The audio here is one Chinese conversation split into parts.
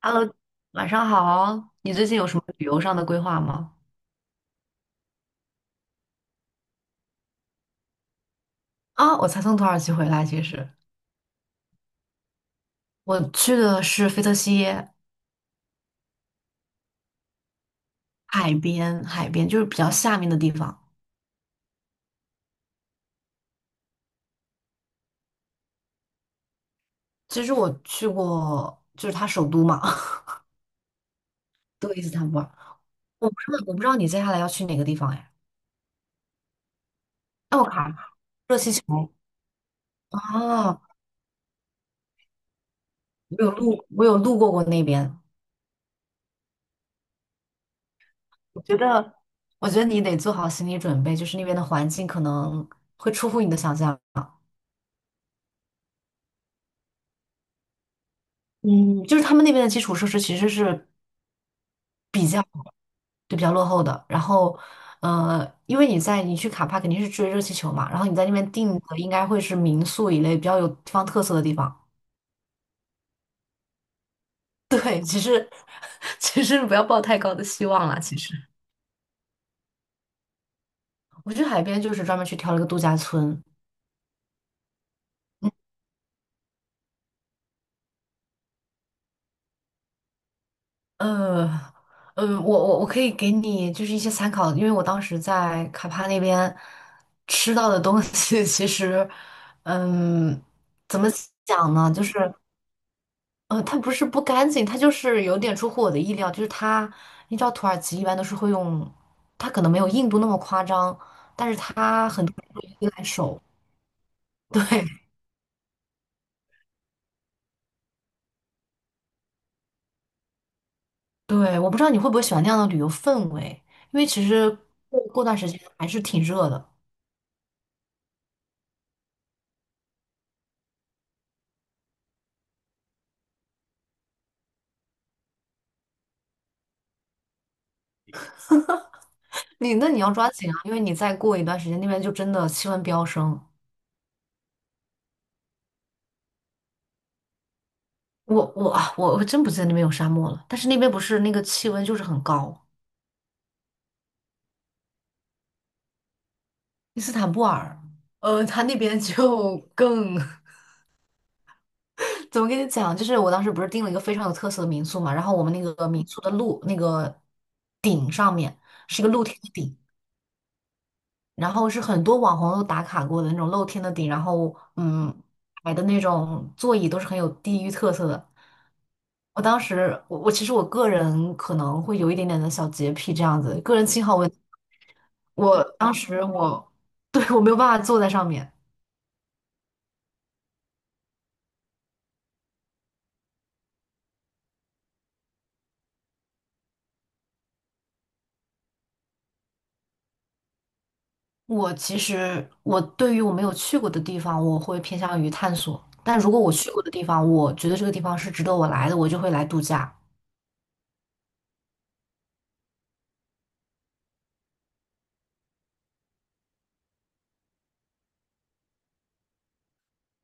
Hello，晚上好。你最近有什么旅游上的规划吗？啊，我才从土耳其回来，其实我去的是菲特西耶海边，海边就是比较下面的地方。其实我去过，就是它首都嘛，对，伊斯坦布尔。我不知道你接下来要去哪个地方哎？奥卡、热气球啊，我有路过过那边。我觉得，我觉得你得做好心理准备，就是那边的环境可能会出乎你的想象。嗯，就是他们那边的基础设施其实是比较比较落后的。然后，因为你去卡帕肯定是追热气球嘛，然后你在那边订的应该会是民宿一类比较有地方特色的地方。其实不要抱太高的希望了。其实我去海边就是专门去挑了一个度假村。呃，嗯，我可以给你就是一些参考，因为我当时在卡帕那边吃到的东西 其实，嗯，怎么讲呢？就是。它不是不干净，它就是有点出乎我的意料。就是它，你知道土耳其一般都是会用，它可能没有印度那么夸张，但是它很多人会依赖手。对对，我不知道你会不会喜欢那样的旅游氛围，因为其实过段时间还是挺热的。你那你要抓紧啊，因为你再过一段时间那边就真的气温飙升。我真不记得那边有沙漠了，但是那边不是那个气温就是很高，伊斯坦布尔，它那边就更 怎么跟你讲？就是我当时不是订了一个非常有特色的民宿嘛，然后我们那个民宿的路那个顶上面是一个露天的顶，然后是很多网红都打卡过的那种露天的顶，然后嗯，摆的那种座椅都是很有地域特色的。我当时其实个人可能会有一点点的小洁癖这样子，个人信号问题我当时我 对我没有办法坐在上面。我其实对于我没有去过的地方，我会偏向于探索。但如果我去过的地方，我觉得这个地方是值得我来的，我就会来度假。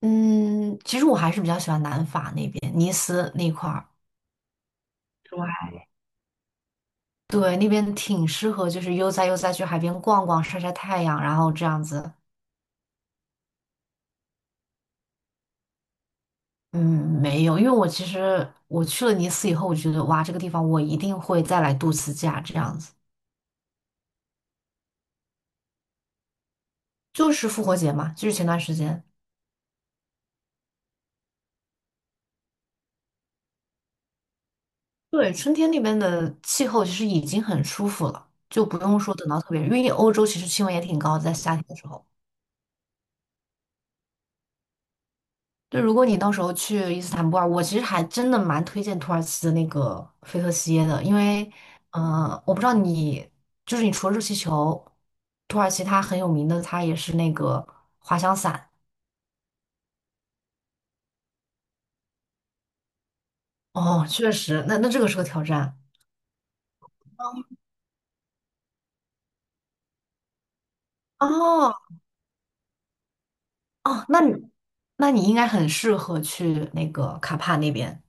嗯，其实我还是比较喜欢南法那边，尼斯那块儿，对，对，那边挺适合，就是悠哉悠哉去海边逛逛，晒晒太阳，然后这样子。嗯，没有，因为我其实去了尼斯以后，我觉得哇，这个地方我一定会再来度次假，这样子。就是复活节嘛，就是前段时间。对，春天那边的气候其实已经很舒服了，就不用说等到特别，因为欧洲其实气温也挺高的，在夏天的时候。就如果你到时候去伊斯坦布尔，我其实还真的蛮推荐土耳其的那个菲特西耶的，因为，我不知道你，就是你除了热气球，土耳其它很有名的，它也是那个滑翔伞。哦，确实，那那这个是个挑战。哦哦，那你应该很适合去那个卡帕那边。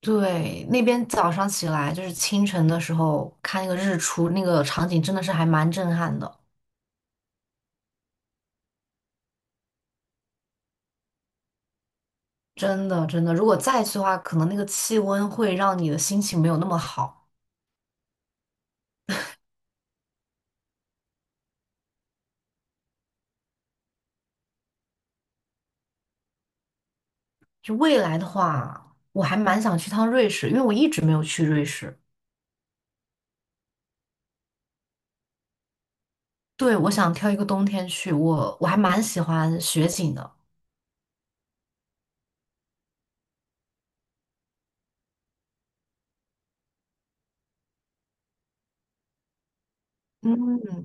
对，那边早上起来就是清晨的时候看那个日出，那个场景真的是还蛮震撼的，真的真的。如果再去的话，可能那个气温会让你的心情没有那么好。就未来的话，我还蛮想去趟瑞士，因为我一直没有去瑞士。对，我想挑一个冬天去，我还蛮喜欢雪景的。嗯，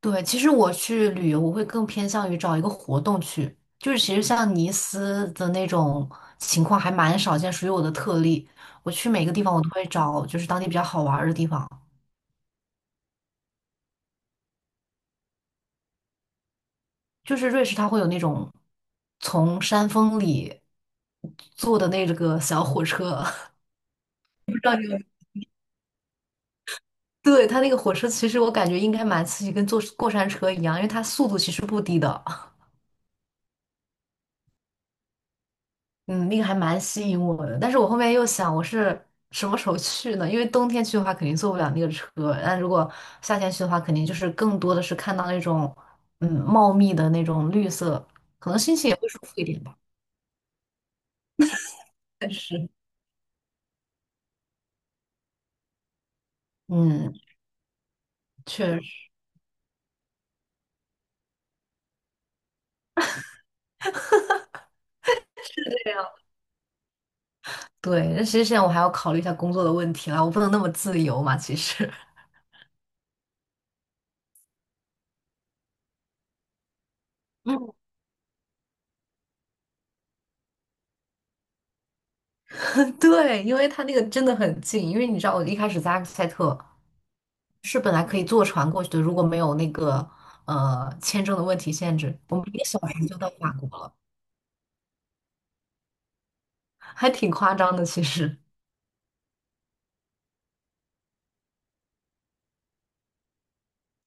对，其实我去旅游，我会更偏向于找一个活动去，就是其实像尼斯的那种情况还蛮少见，属于我的特例。我去每个地方，我都会找就是当地比较好玩儿的地方。就是瑞士，它会有那种从山峰里坐的那个小火车，不知道你有？对，它那个火车，其实我感觉应该蛮刺激，跟坐过山车一样，因为它速度其实不低的。嗯，那个还蛮吸引我的，但是我后面又想，我是什么时候去呢？因为冬天去的话，肯定坐不了那个车，但如果夏天去的话，肯定就是更多的是看到那种，嗯，茂密的那种绿色，也会舒服一点吧。但是，嗯，确实是这样。对，那其实现在我还要考虑一下工作的问题啦，我不能那么自由嘛，其实。嗯，对，因为它那个真的很近，因为你知道我一开始在阿克塞特，是本来可以坐船过去的，如果没有那个签证的问题限制，我们1个小时就到法国了，还挺夸张的。其实，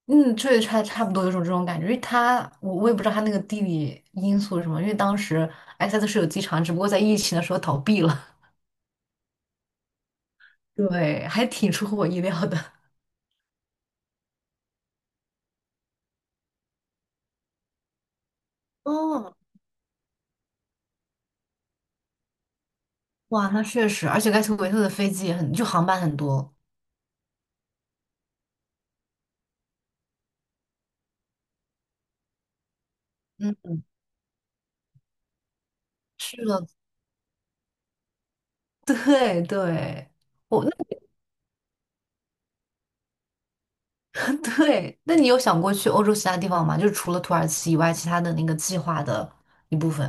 嗯，确实差不多有种这种感觉，因为它我也不知道它那个地理因素是什么，因为当时埃塞特是有机场，只不过在疫情的时候倒闭了，对，还挺出乎我意料的。哦，哇，那确实，而且盖特维特的飞机也很，就航班很多。嗯，是的，对对，我那对，那你有想过去欧洲其他地方吗？就是除了土耳其以外，其他的那个计划的一部分。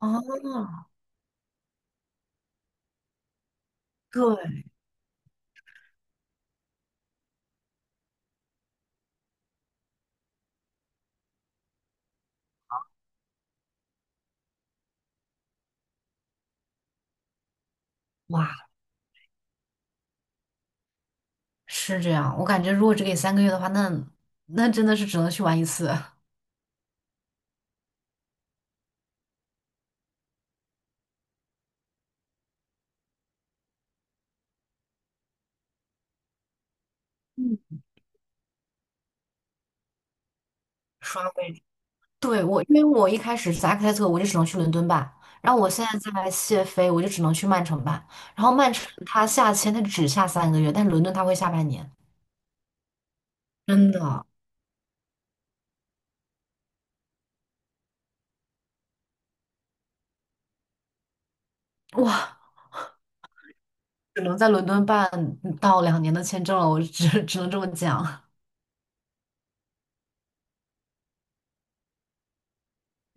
哦，对，哇，是这样。我感觉如果只给三个月的话，那真的是只能去玩一次，刷位置。对，我，因为我一开始是扎克塞特，我就只能去伦敦办，然后我现在在谢飞，我就只能去曼城办。然后曼城它下签，它只下三个月，但是伦敦它会下半年。真的，哇，只能在伦敦办到2年的签证了，我只能这么讲。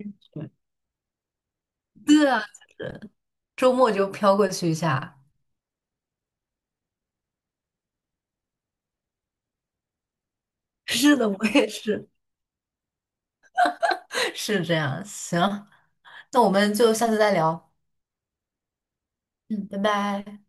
对，啊。周末就飘过去一下。是的，我也是。是这样，行，那我们就下次再聊。嗯，拜拜。